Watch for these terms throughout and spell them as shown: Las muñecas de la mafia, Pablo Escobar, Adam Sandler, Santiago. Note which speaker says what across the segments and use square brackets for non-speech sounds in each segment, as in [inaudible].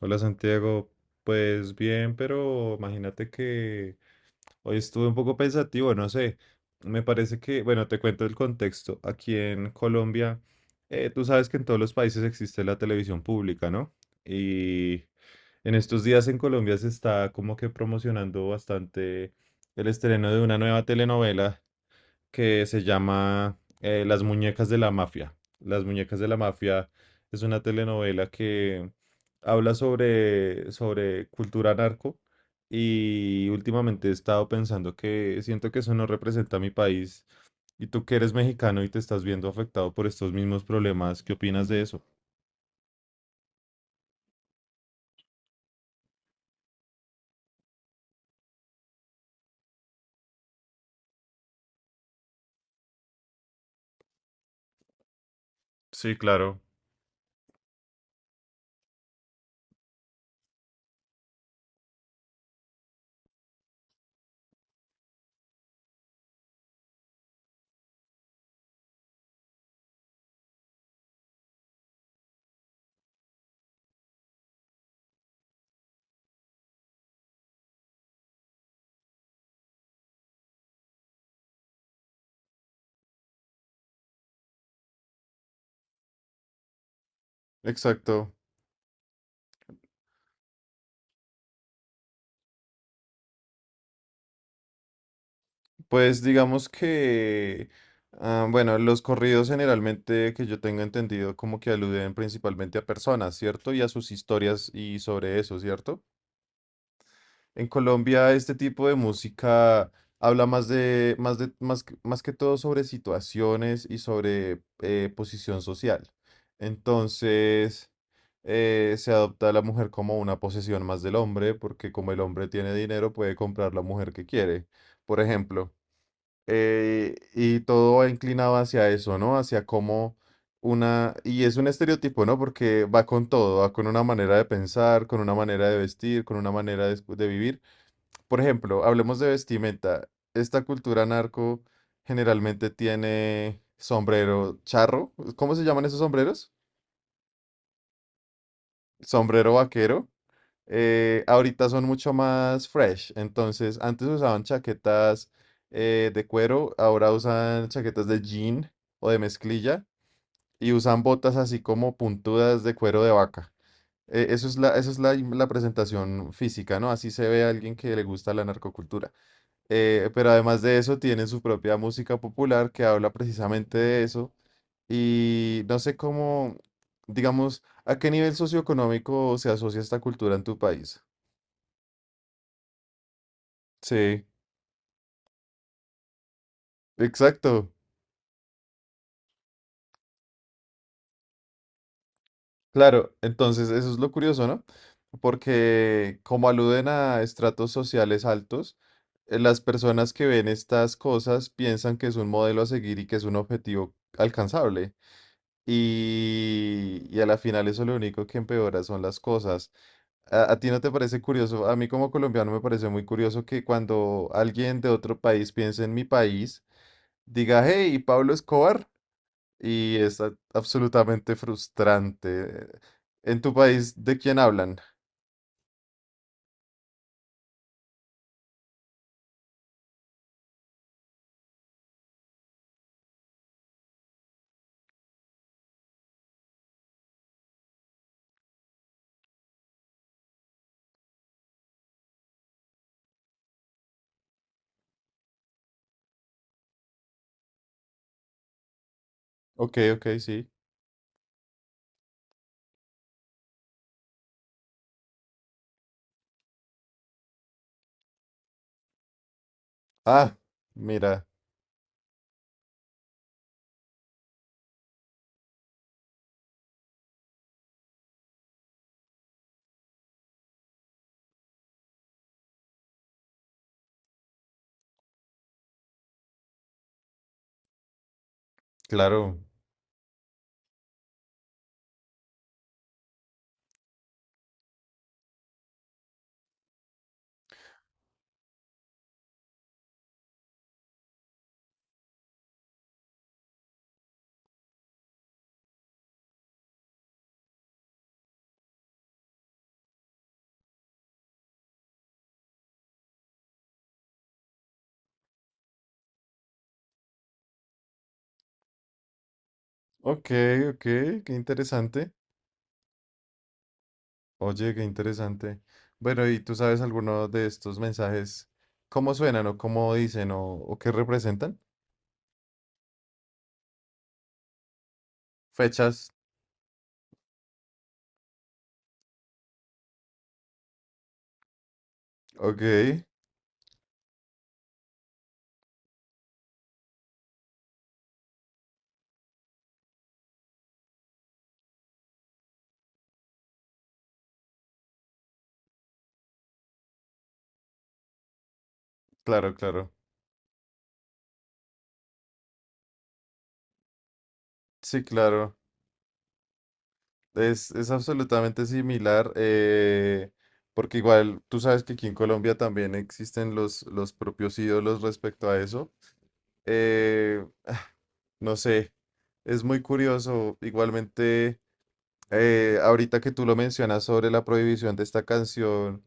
Speaker 1: Hola Santiago, pues bien, pero imagínate que hoy estuve un poco pensativo, no sé, me parece que, bueno, te cuento el contexto. Aquí en Colombia, tú sabes que en todos los países existe la televisión pública, ¿no? Y en estos días en Colombia se está como que promocionando bastante el estreno de una nueva telenovela que se llama Las muñecas de la mafia. Las muñecas de la mafia es una telenovela que habla sobre cultura narco y últimamente he estado pensando que siento que eso no representa a mi país y tú que eres mexicano y te estás viendo afectado por estos mismos problemas, ¿qué opinas de eso? Sí, claro. Exacto. Pues digamos que, ah, bueno, los corridos generalmente que yo tengo entendido como que aluden principalmente a personas, ¿cierto? Y a sus historias y sobre eso, ¿cierto? En Colombia este tipo de música habla más, más que todo sobre situaciones y sobre posición social. Entonces, se adopta a la mujer como una posesión más del hombre, porque como el hombre tiene dinero, puede comprar la mujer que quiere, por ejemplo. Y todo va inclinado hacia eso, ¿no? Hacia cómo una... Y es un estereotipo, ¿no? Porque va con todo, va con una manera de pensar, con una manera de vestir, con una manera de, de vivir. Por ejemplo, hablemos de vestimenta. Esta cultura narco generalmente tiene sombrero charro. ¿Cómo se llaman esos sombreros? Sombrero vaquero. Ahorita son mucho más fresh. Entonces, antes usaban chaquetas de cuero, ahora usan chaquetas de jean o de mezclilla y usan botas así como puntudas de cuero de vaca. Eso es la, la presentación física, ¿no? Así se ve a alguien que le gusta la narcocultura. Pero además de eso, tienen su propia música popular que habla precisamente de eso. Y no sé cómo, digamos, a qué nivel socioeconómico se asocia esta cultura en tu país. Sí. Exacto, claro. Entonces, eso es lo curioso, ¿no? Porque como aluden a estratos sociales altos, las personas que ven estas cosas piensan que es un modelo a seguir y que es un objetivo alcanzable. Y a la final eso lo único que empeora son las cosas. ¿A ti no te parece curioso? A mí como colombiano me parece muy curioso que cuando alguien de otro país piense en mi país, diga, hey, Pablo Escobar. Y es absolutamente frustrante. ¿En tu país de quién hablan? Ok, ok, sí. Ah, mira, claro. Ok, ok, qué interesante. Oye, qué interesante. Bueno, ¿y tú sabes alguno de estos mensajes? ¿Cómo suenan o cómo dicen o qué representan? Fechas. Ok, claro, claro. Sí, claro. Es absolutamente similar, porque igual tú sabes que aquí en Colombia también existen los propios ídolos respecto a eso. [sighs] Ah, no sé, es muy curioso. Igualmente, ahorita que tú lo mencionas sobre la prohibición de esta canción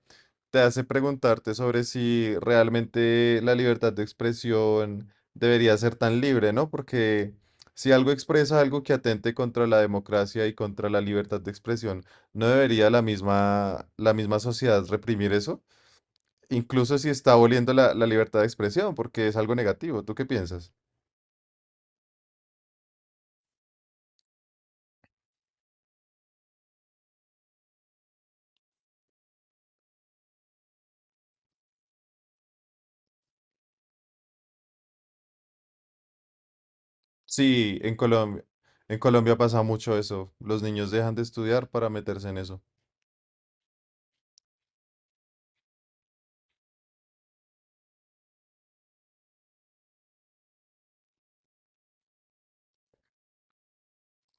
Speaker 1: te hace preguntarte sobre si realmente la libertad de expresión debería ser tan libre, ¿no? Porque si algo expresa algo que atente contra la democracia y contra la libertad de expresión, ¿no debería la misma sociedad reprimir eso? Incluso si está aboliendo la libertad de expresión, porque es algo negativo. ¿Tú qué piensas? Sí, en Colombia pasa mucho eso. Los niños dejan de estudiar para meterse en eso.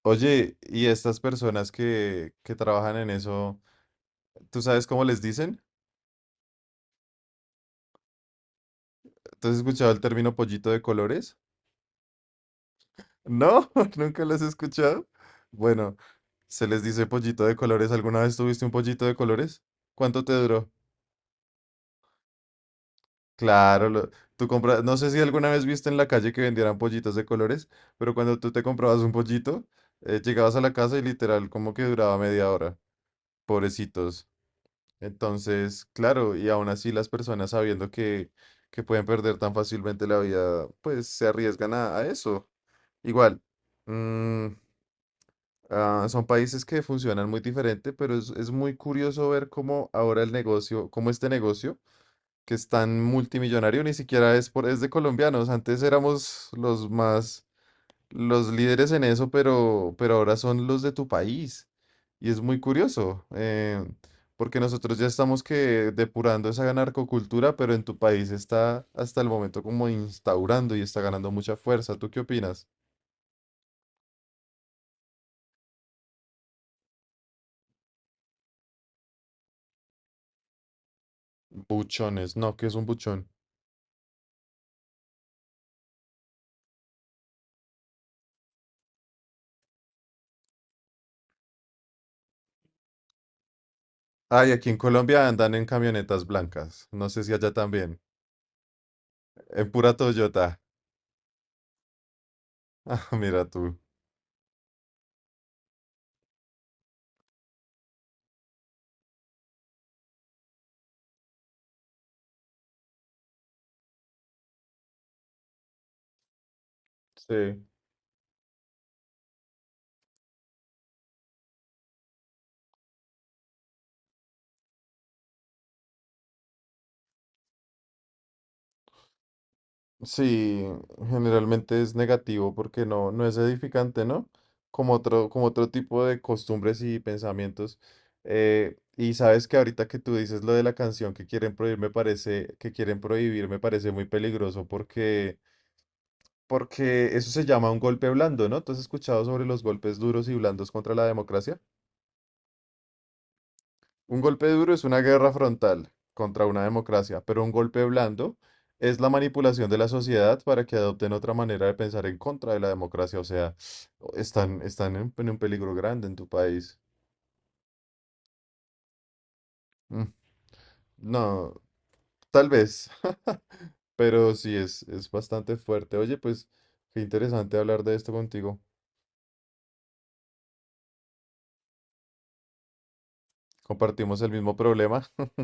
Speaker 1: Oye, ¿y estas personas que trabajan en eso? ¿Tú sabes cómo les dicen? ¿Tú has escuchado el término pollito de colores? No, [laughs] nunca lo has escuchado. Bueno, se les dice pollito de colores. ¿Alguna vez tuviste un pollito de colores? ¿Cuánto te duró? Claro, tú compras, no sé si alguna vez viste en la calle que vendieran pollitos de colores, pero cuando tú te comprabas un pollito, llegabas a la casa y literal como que duraba media hora. Pobrecitos. Entonces, claro, y aún así las personas sabiendo que pueden perder tan fácilmente la vida, pues se arriesgan a eso. Igual, mm, ah, son países que funcionan muy diferente, pero es muy curioso ver cómo ahora el negocio, cómo este negocio, que es tan multimillonario, ni siquiera es por, es de colombianos. Antes éramos los más, los líderes en eso, pero ahora son los de tu país. Y es muy curioso, porque nosotros ya estamos que depurando esa narcocultura, pero en tu país está hasta el momento como instaurando y está ganando mucha fuerza. ¿Tú qué opinas? Buchones, no, ¿qué es un buchón? Ay, aquí en Colombia andan en camionetas blancas. No sé si allá también. En pura Toyota. [laughs] Ah, mira tú. Sí. Sí, generalmente es negativo porque no, no es edificante, ¿no? Como otro tipo de costumbres y pensamientos. Y sabes que ahorita que tú dices lo de la canción que quieren prohibir, me parece, que quieren prohibir, me parece muy peligroso porque, porque eso se llama un golpe blando, ¿no? ¿Tú has escuchado sobre los golpes duros y blandos contra la democracia? Un golpe duro es una guerra frontal contra una democracia, pero un golpe blando es la manipulación de la sociedad para que adopten otra manera de pensar en contra de la democracia. O sea, [sniffs] están, están en un peligro grande en tu país. Mm, no, tal vez, [laughs] pero sí es bastante fuerte. Oye, pues qué interesante hablar de esto contigo. Compartimos el mismo problema. [laughs]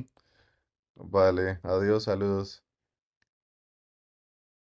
Speaker 1: Vale, adiós, saludos.